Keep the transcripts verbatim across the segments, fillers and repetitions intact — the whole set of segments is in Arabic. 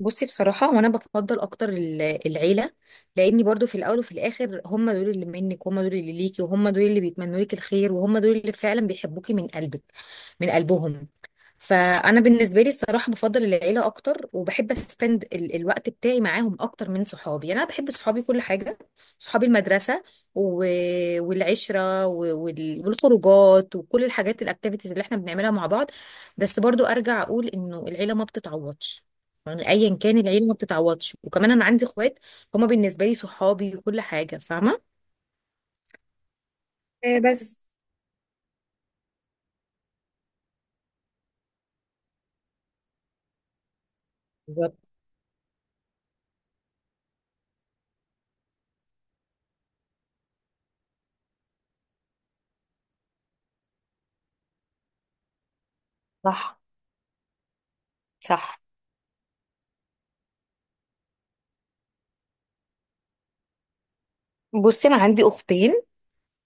بصي، بصراحة وانا بفضل اكتر ال- العيلة. لاني برضو في الاول وفي الاخر هم دول اللي منك، وهم دول اللي ليكي، وهم دول اللي بيتمنوا لك الخير، وهم دول اللي فعلا بيحبوكي من قلبك، من قلبهم. فانا بالنسبه لي الصراحه بفضل العيله اكتر، وبحب اسبند ال الوقت بتاعي معاهم اكتر من صحابي. يعني انا بحب صحابي كل حاجه، صحابي المدرسه و... والعشره و... وال... والخروجات وكل الحاجات الاكتيفيتيز اللي احنا بنعملها مع بعض. بس برضو ارجع اقول انه العيله ما بتتعوضش. يعني ايا كان، العيله ما بتتعوضش. وكمان انا عندي اخوات، هما بالنسبه لي صحابي وكل حاجه، فاهمه. آه، بس. بالظبط. صح صح. بصي، انا عندي اختين،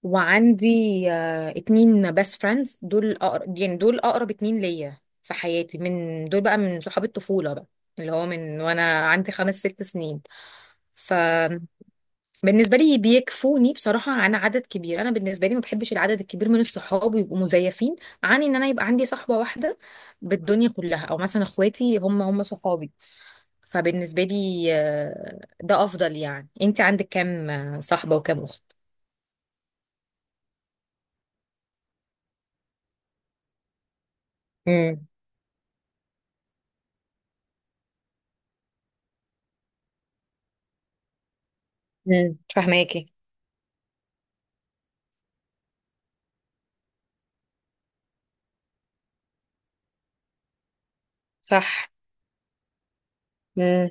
وعندي آه، اتنين بيست فريندز، دول أقرب، يعني دول أقرب اتنين ليا في حياتي. من دول بقى من صحاب الطفولة بقى، اللي هو من وأنا عندي خمس ست سنين. فبالنسبة لي بيكفوني، بصراحة عن عدد كبير. أنا بالنسبة لي ما بحبش العدد الكبير من الصحاب يبقوا مزيفين، عن إن أنا يبقى عندي صحبة واحدة بالدنيا كلها، أو مثلا إخواتي هم هم صحابي. فبالنسبة لي آه، ده أفضل. يعني أنت عندك كام آه، صاحبة وكام أخت؟ امم. امم، فهماكي. صح. امم.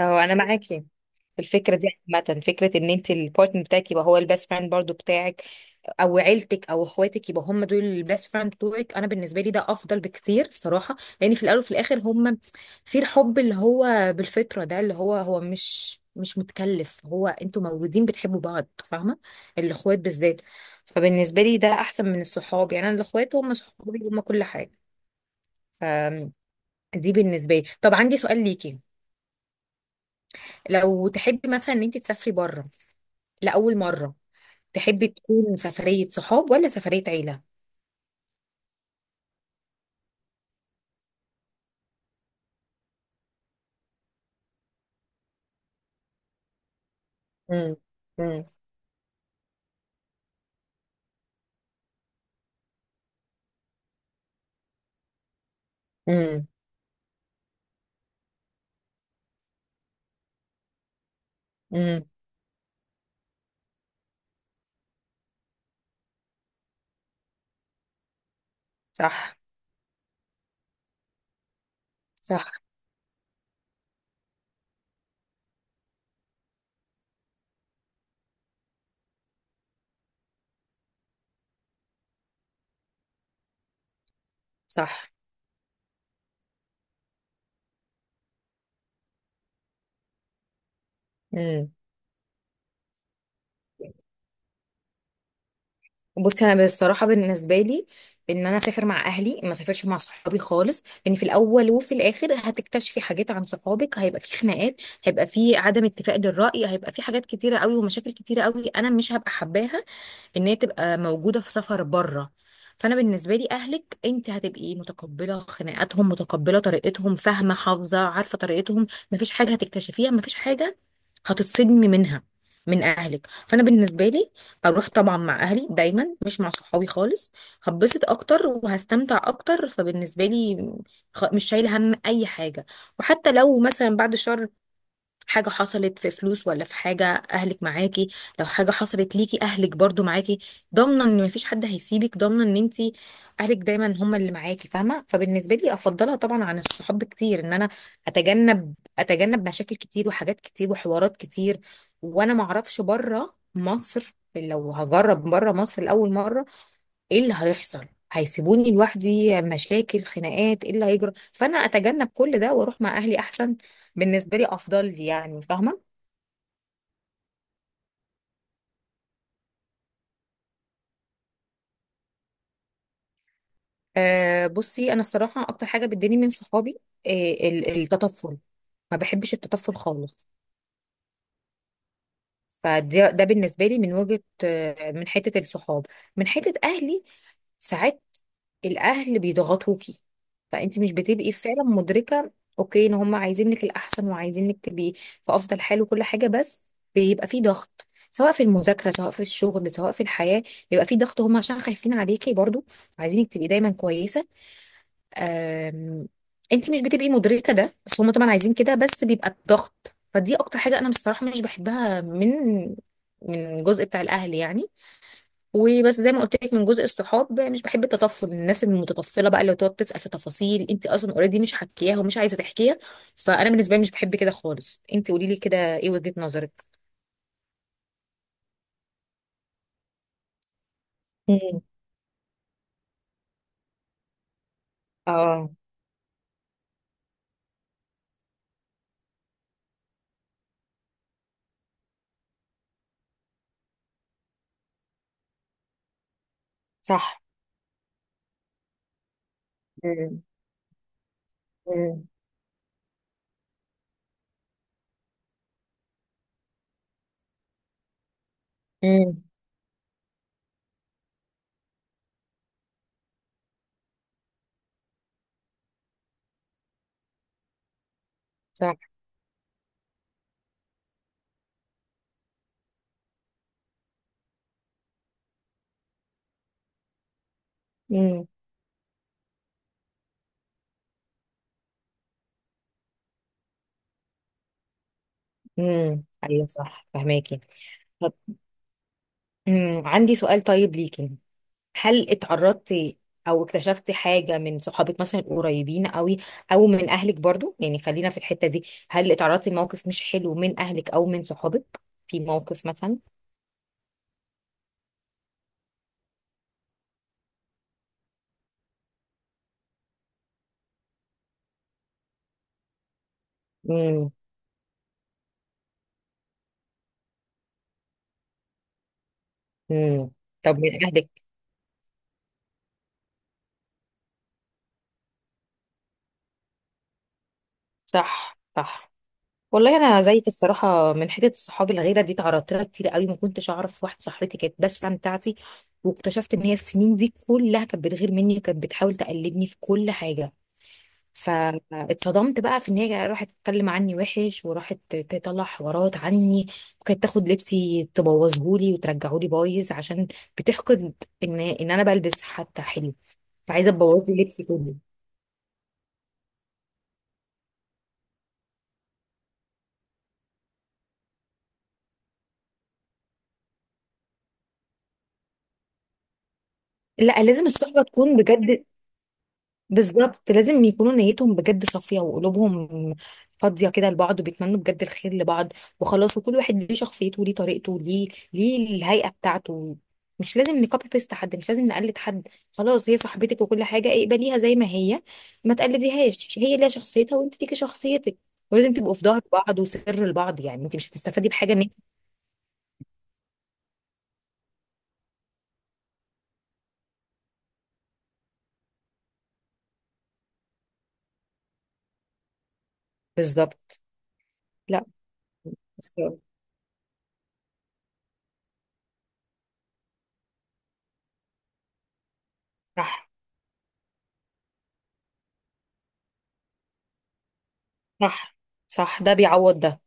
اهو انا معاكي في الفكره دي. عامه، فكره ان انت البارتنر بتاعك يبقى هو البيست فريند برضو بتاعك، او عيلتك او اخواتك يبقى هم دول البيست فريند بتوعك. انا بالنسبه لي ده افضل بكتير الصراحه، لان في الاول وفي الاخر هم في الحب اللي هو بالفطره، ده اللي هو هو مش مش متكلف، هو انتوا مولودين بتحبوا بعض، فاهمه؟ الاخوات بالذات. فبالنسبه لي ده احسن من الصحاب. يعني انا الاخوات هم صحابي، هم كل حاجه. فدي بالنسبه لي. طب عندي سؤال ليكي، لو تحبي مثلا ان انت تسافري بره لاول مره، تحبي تكون سفريه صحاب ولا سفريه عيله؟ امم. امم. امم. امم. صح. صح. صح. امم. بصي، انا بصراحه بالنسبه لي، ان انا اسافر مع اهلي، ما اسافرش مع صحابي خالص. لان في الاول وفي الاخر هتكتشفي حاجات عن صحابك، هيبقى في خناقات، هيبقى في عدم اتفاق للراي، هيبقى في حاجات كتيره قوي ومشاكل كتيره قوي. انا مش هبقى حباها ان هي تبقى موجوده في سفر بره. فانا بالنسبه لي اهلك، انت هتبقي متقبله خناقاتهم، متقبله طريقتهم، فاهمه حافظه عارفه طريقتهم. مفيش حاجه هتكتشفيها، مفيش حاجه هتتصدمي منها من اهلك. فانا بالنسبه لي اروح طبعا مع اهلي دايما، مش مع صحابي خالص. هبسط اكتر وهستمتع اكتر. فبالنسبه لي خ- مش شايله هم اي حاجه. وحتى لو مثلا بعد شهر حاجة حصلت في فلوس، ولا في حاجة، أهلك معاكي. لو حاجة حصلت ليكي أهلك برضو معاكي، ضامنة إن مفيش حد هيسيبك، ضامنة إن أنتي أهلك دايما هما اللي معاكي، فاهمة؟ فبالنسبة لي أفضلها طبعا عن الصحاب كتير، إن أنا أتجنب أتجنب مشاكل كتير وحاجات كتير وحوارات كتير. وأنا معرفش بره مصر. لو هجرب بره مصر لأول مرة، ايه اللي هيحصل؟ هيسيبوني لوحدي، مشاكل، خناقات، ايه اللي هيجرى؟ فانا اتجنب كل ده واروح مع اهلي احسن. بالنسبه لي افضل لي، يعني فاهمه؟ آه بصي، انا الصراحه اكتر حاجه بتضايقني من صحابي، آه ال- التطفل. ما بحبش التطفل خالص. فده ده بالنسبه لي من وجهه، آه من حته الصحاب. من حته اهلي، ساعات الاهل بيضغطوكي، فانت مش بتبقي فعلا مدركه، اوكي، ان هم عايزينك الاحسن، وعايزينك تبقي في افضل حال وكل حاجه. بس بيبقى في ضغط، سواء في المذاكره، سواء في الشغل، سواء في الحياه. بيبقى في ضغط هم عشان خايفين عليكي برضو، عايزينك تبقي دايما كويسه. أم... انت مش بتبقي مدركه ده، بس هم طبعا عايزين كده. بس بيبقى بضغط، فدي اكتر حاجه انا بصراحه مش بحبها من من الجزء بتاع الاهل، يعني. وبس زي ما قلت لك، من جزء الصحاب مش بحب التطفل، الناس المتطفله بقى اللي تقعد تسال في تفاصيل انت اصلا اوريدي مش حكياها ومش عايزه تحكيها. فانا بالنسبه لي مش بحب كده خالص. انت قولي لي كده، ايه وجهه نظرك؟ امم. اه. صح. امم. امم. امم. صح. امم. امم. ايوه صح، فهماكي. طب، امم عندي سؤال طيب ليكي، هل اتعرضتي او اكتشفتي حاجة من صحابك مثلا القريبين قوي، او من اهلك برضو؟ يعني خلينا في الحتة دي. هل اتعرضتي لموقف مش حلو من اهلك او من صحابك في موقف مثلا؟ امم. امم. طب من اهلك؟ صح. صح. والله انا زيك، الصراحه من حته الصحاب الغيره دي اتعرضت لها كتير قوي. ما كنتش اعرف واحده صاحبتي كانت بس فان بتاعتي، واكتشفت ان هي السنين دي كلها كانت بتغير مني، وكانت بتحاول تقلدني في كل حاجه. فاتصدمت بقى في ان هي راحت تتكلم عني وحش، وراحت تطلع حوارات عني. وكانت تاخد لبسي تبوظهولي وترجعهولي بايظ، عشان بتحقد ان ان انا بلبس حتى حلو. فعايزه تبوظ لي لبسي كله. لا، لازم الصحبه تكون بجد. بالظبط، لازم يكونوا نيتهم بجد صافية، وقلوبهم فاضية كده لبعض، وبيتمنوا بجد الخير لبعض. وخلاص، وكل واحد ليه شخصيته، وليه طريقته، وليه ليه الهيئة بتاعته. مش لازم نكوبي بيست حد، مش لازم نقلد حد. خلاص، هي صاحبتك وكل حاجة اقبليها زي ما هي، ما تقلديهاش. هي ليها شخصيتها وانت ليكي شخصيتك. ولازم تبقوا في ظهر بعض وسر لبعض. يعني انت مش هتستفادي بحاجة ان انت. بالظبط. لا. بس- صح صح صح، ده بيعوض ده.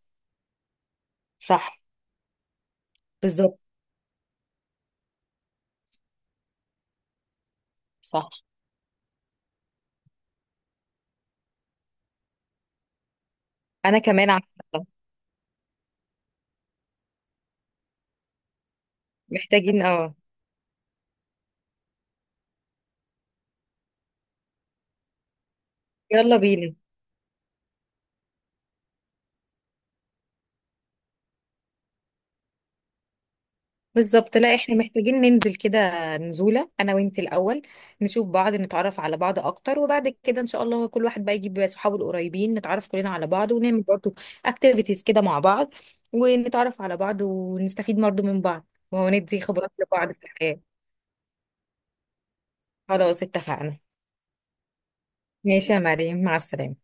صح. بالظبط. صح. انا كمان عارفة. محتاجين، اه. يلا بينا. بالظبط. لا، احنا محتاجين ننزل كده، نزولة انا وانت الاول، نشوف بعض، نتعرف على بعض اكتر. وبعد كده ان شاء الله كل واحد بقى يجيب صحابه القريبين، نتعرف كلنا على بعض، ونعمل برضو اكتيفيتيز كده مع بعض، ونتعرف على بعض، ونستفيد برضو من بعض، وندي خبرات لبعض في الحياة. خلاص اتفقنا. ماشي يا مريم، مع السلامة.